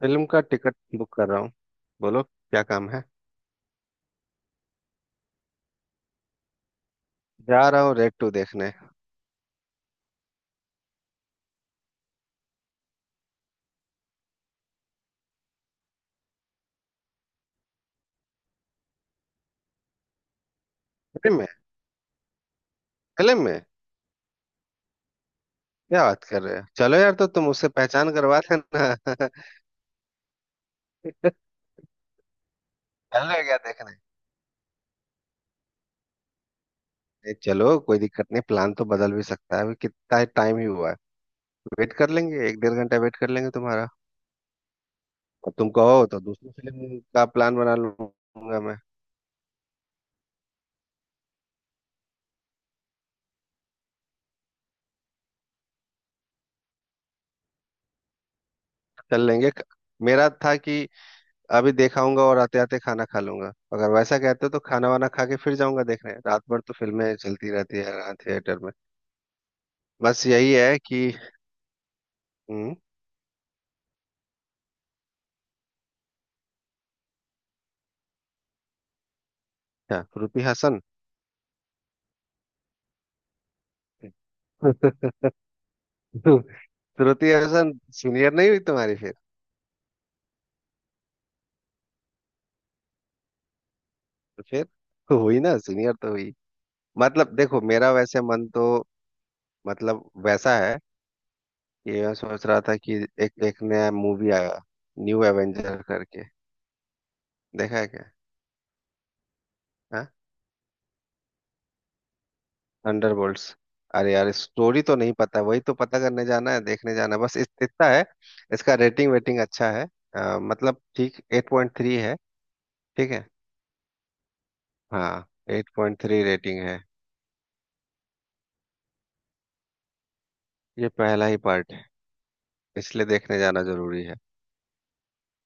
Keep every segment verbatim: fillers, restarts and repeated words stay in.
Film का ticket book कर रहा हूँ। बोलो क्या काम है। जा रहा हूँ रेड टू देखने। फिल्म में। फिल्म में। क्या बात कर रहे हो, चलो यार, तो तुम उससे पहचान करवा देना। चल रहे क्या देखने? ए, चलो कोई दिक्कत नहीं, प्लान तो बदल भी सकता है, अभी कितना टाइम ही हुआ है। वेट कर लेंगे एक डेढ़ घंटा वेट कर लेंगे तुम्हारा। और तुम कहो तो दूसरी फिल्म का प्लान बना लूंगा मैं। चल लेंगे। मेरा था कि अभी देखाऊंगा और आते आते खाना खा लूंगा। अगर वैसा कहते हो तो खाना वाना खा के फिर जाऊंगा देखने, रात भर तो फिल्में चलती रहती है यहाँ थिएटर में। बस यही है कि हम्म। क्या श्रुति हसन? श्रुति हसन सीनियर नहीं हुई तुम्हारी फिर? तो फिर, तो हुई ना, सीनियर तो हुई। मतलब देखो मेरा वैसे मन तो, मतलब वैसा है कि मैं सोच रहा था कि एक एक नया मूवी आया, न्यू एवेंजर करके। देखा है क्या? हाँ? थंडरबोल्ट्स। अरे यार स्टोरी तो नहीं पता, वही तो पता करने जाना है, देखने जाना है, बस इत- इतना है। इसका रेटिंग वेटिंग अच्छा है। अ, मतलब ठीक एट पॉइंट थ्री है। ठीक है। हाँ। एट पॉइंट थ्री रेटिंग है। ये पहला ही पार्ट है, इसलिए देखने जाना जरूरी है।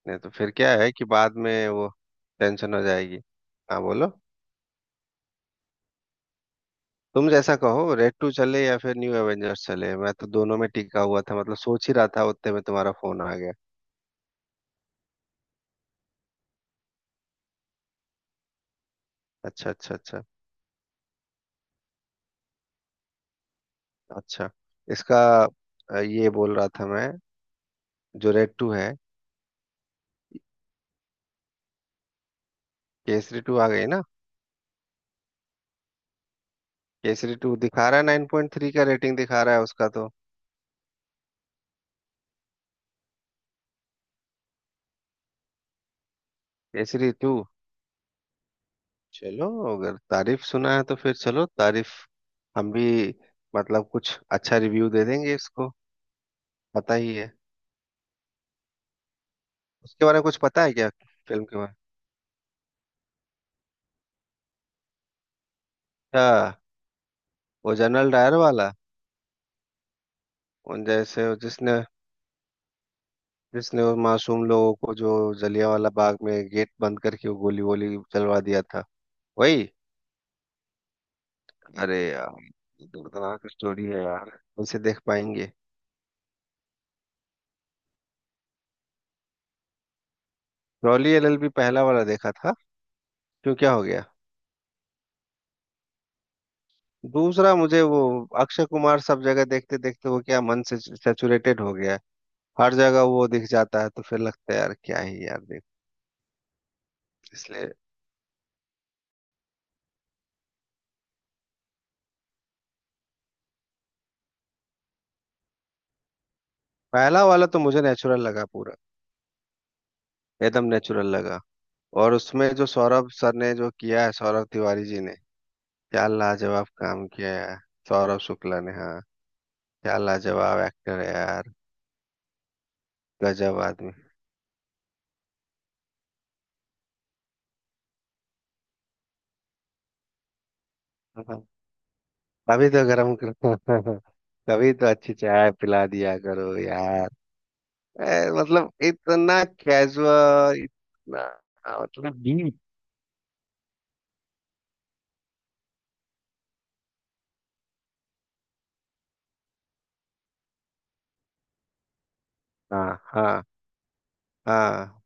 नहीं तो फिर क्या है कि बाद में वो टेंशन हो जाएगी। हाँ बोलो। तुम जैसा कहो, रेड टू चले या फिर न्यू एवेंजर्स चले, मैं तो दोनों में टिका हुआ था, मतलब सोच ही रहा था उतने में तुम्हारा फोन आ गया। अच्छा, अच्छा, अच्छा। अच्छा, इसका, अ, ये बोल रहा था मैं, जो रेड टू है। केसरी टू आ गई ना? केसरी टू दिखा रहा है, नाइन पॉइंट थ्री का रेटिंग दिखा रहा है उसका तो। केसरी टू। चलो, अगर तारीफ सुना है तो फिर चलो तारीफ, हम भी मतलब कुछ अच्छा रिव्यू दे देंगे इसको। पता ही है। उसके बारे में कुछ पता है क्या, फिल्म के बारे में? अच्छा, वो जनरल डायर वाला। उन जैसे, वो जिसने, जिसने वो मासूम लोगों को जो जलियांवाला बाग में गेट बंद करके वो गोली वोली चलवा दिया था, वही। अरे यार ये दर्दनाक स्टोरी है यार, इसे देख पाएंगे? रॉली एलएलबी पहला वाला देखा था। क्यों, क्या हो गया? दूसरा मुझे वो, अक्षय कुमार सब जगह देखते देखते वो, क्या मन से सैचुरेटेड हो गया है, हर जगह वो दिख जाता है तो फिर लगता है यार क्या ही यार देख, इसलिए। पहला वाला तो मुझे नेचुरल लगा, पूरा एकदम नेचुरल लगा। और उसमें जो सौरभ सर ने जो किया है, सौरभ तिवारी जी ने क्या लाजवाब काम किया है। सौरभ शुक्ला ने, हाँ। क्या लाजवाब एक्टर है यार, गजब आदमी। हाँ, हाँ। अभी तो गर्म कर कभी तो अच्छी चाय पिला दिया करो यार। ए, मतलब इतना कैजुअल, इतना मतलब डीप। हाँ, हाँ, हाँ।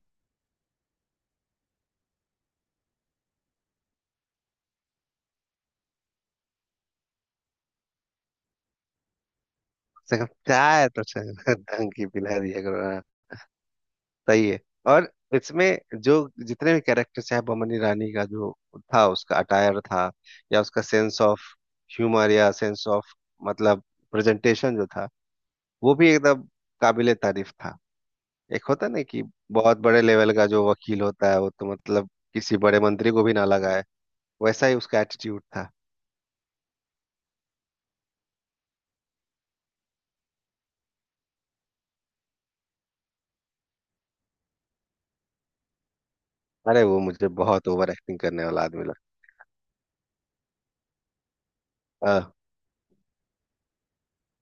कम से कम चाय तो चाय ढंग की पिला दिया करो हाँ। सही है। और इसमें जो जितने भी कैरेक्टर्स हैं, बमनी रानी का जो था, उसका अटायर था, या उसका सेंस ऑफ ह्यूमर, या सेंस ऑफ, मतलब प्रेजेंटेशन जो था, वो भी एकदम काबिले तारीफ था। एक होता नहीं कि बहुत बड़े लेवल का जो वकील होता है वो तो मतलब किसी बड़े मंत्री को भी ना लगाए, वैसा ही उसका एटीट्यूड था। अरे वो मुझे बहुत ओवर एक्टिंग करने वाला आदमी लगा। अ,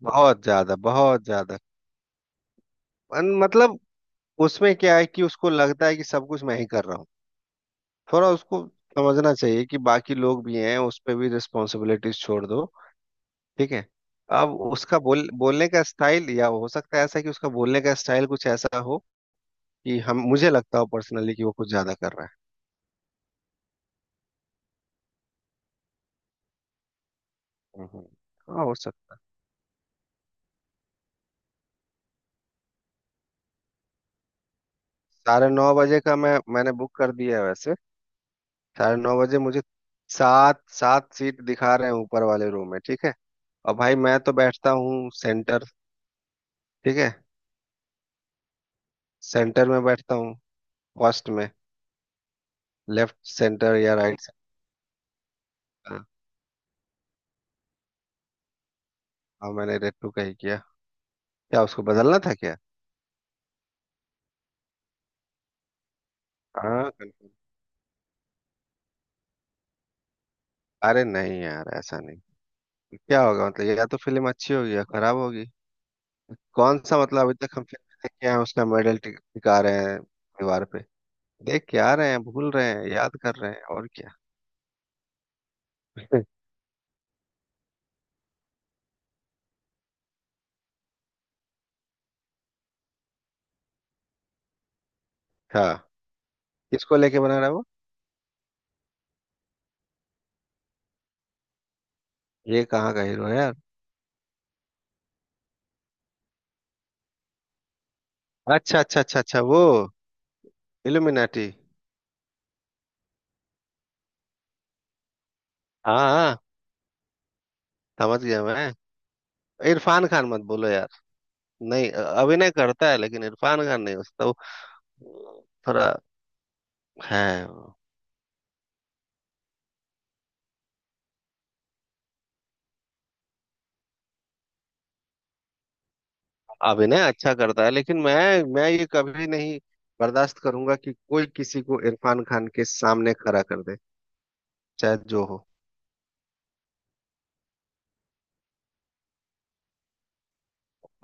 बहुत ज्यादा, बहुत ज्यादा। अन- मतलब उसमें क्या है कि उसको लगता है कि सब कुछ मैं ही कर रहा हूँ। थोड़ा उसको समझना चाहिए कि बाकी लोग भी हैं, उस पर भी रिस्पॉन्सिबिलिटीज छोड़ दो। ठीक है। अब उसका बोल बोलने का स्टाइल, या हो सकता है ऐसा कि उसका बोलने का स्टाइल कुछ ऐसा हो कि हम, मुझे लगता हो पर्सनली कि वो कुछ ज्यादा कर रहा है। हम्म, हाँ हो सकता है। साढ़े नौ बजे का मैं मैंने बुक कर दिया है वैसे। साढ़े नौ बजे मुझे सात सात सीट दिखा रहे हैं ऊपर वाले रूम में, ठीक है। और भाई मैं तो बैठता हूँ सेंटर, ठीक है। सेंटर में बैठता हूँ फर्स्ट में, लेफ्ट सेंटर या राइट सेंटर। हाँ। हाँ, मैंने रेड टू का ही किया। क्या उसको बदलना था क्या? हाँ confirm। अरे नहीं यार, ऐसा नहीं क्या होगा, मतलब या तो फिल्म अच्छी होगी या खराब होगी। कौन सा मतलब, अभी तक हम फिल्म देखे हैं उसका मेडल टिका रहे हैं दीवार, देख के आ रहे हैं, भूल रहे हैं, याद कर रहे हैं, और क्या। हाँ। किसको लेके बना रहा है वो? ये कहाँ का हीरो है यार? अच्छा, अच्छा, अच्छा, अच्छा, वो इल्यूमिनाटी। हाँ, हाँ, समझ गया मैं। इरफान खान मत बोलो यार। नहीं अभिनय करता है लेकिन इरफान खान नहीं, उसका वो थोड़ा है। अभिनय अच्छा करता है, लेकिन मैं मैं ये कभी नहीं बर्दाश्त करूंगा कि कोई किसी को इरफान खान के सामने खड़ा कर दे। चाहे जो हो।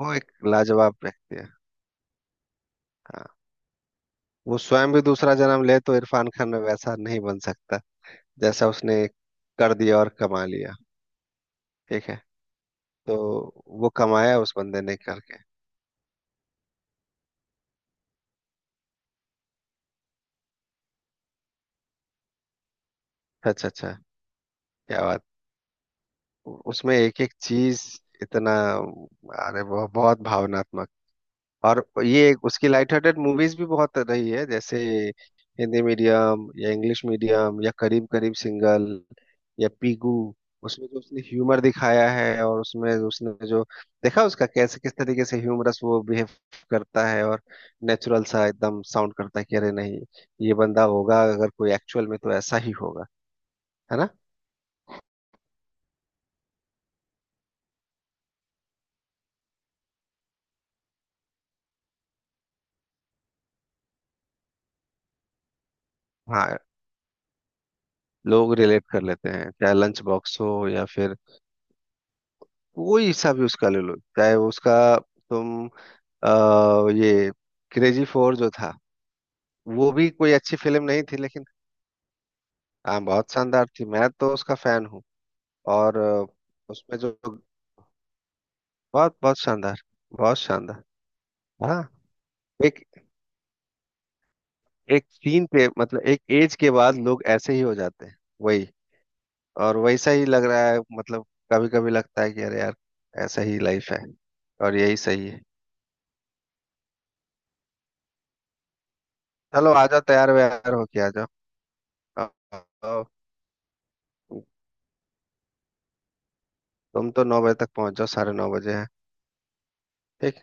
वो एक लाजवाब व्यक्ति है। हाँ। वो स्वयं भी दूसरा जन्म ले तो इरफान खान वैसा नहीं बन सकता, जैसा उसने कर दिया और कमा लिया। ठीक है। तो वो कमाया उस बंदे ने करके। अच्छा, अच्छा, क्या बात। उसमें एक एक चीज इतना, अरे बहुत बहुत भावनात्मक। और ये उसकी लाइट हार्टेड मूवीज भी बहुत रही है, जैसे हिंदी मीडियम, या इंग्लिश मीडियम, या करीब करीब सिंगल, या पीगू। उसमें जो उसने ह्यूमर दिखाया है, और उसमें उसने जो देखा, उसका कैसे किस तरीके से ह्यूमरस वो बिहेव करता है, और नेचुरल सा एकदम साउंड करता है कि अरे नहीं, ये बंदा होगा अगर कोई एक्चुअल में तो ऐसा ही होगा, है ना। हाँ, लोग रिलेट कर लेते हैं, चाहे लंच बॉक्स हो या फिर कोई सा भी उसका ले लो, चाहे उसका तुम, अ, ये क्रेजी फोर जो था, वो भी कोई अच्छी फिल्म नहीं थी लेकिन हाँ बहुत शानदार थी, मैं तो उसका फैन हूँ। और अ, उसमें जो बहुत बहुत शानदार, बहुत शानदार। हाँ। एक एक सीन पे मतलब एक एज के बाद लोग ऐसे ही हो जाते हैं, वही। और वैसा ही लग रहा है, मतलब कभी कभी लगता है कि अरे यार ऐसा ही लाइफ है, और यही सही है। चलो आ जाओ, तैयार व्यार होके आ जाओ। आओ, आओ। तुम तो नौ बजे तक पहुंच जाओ, साढ़े नौ बजे है। ठीक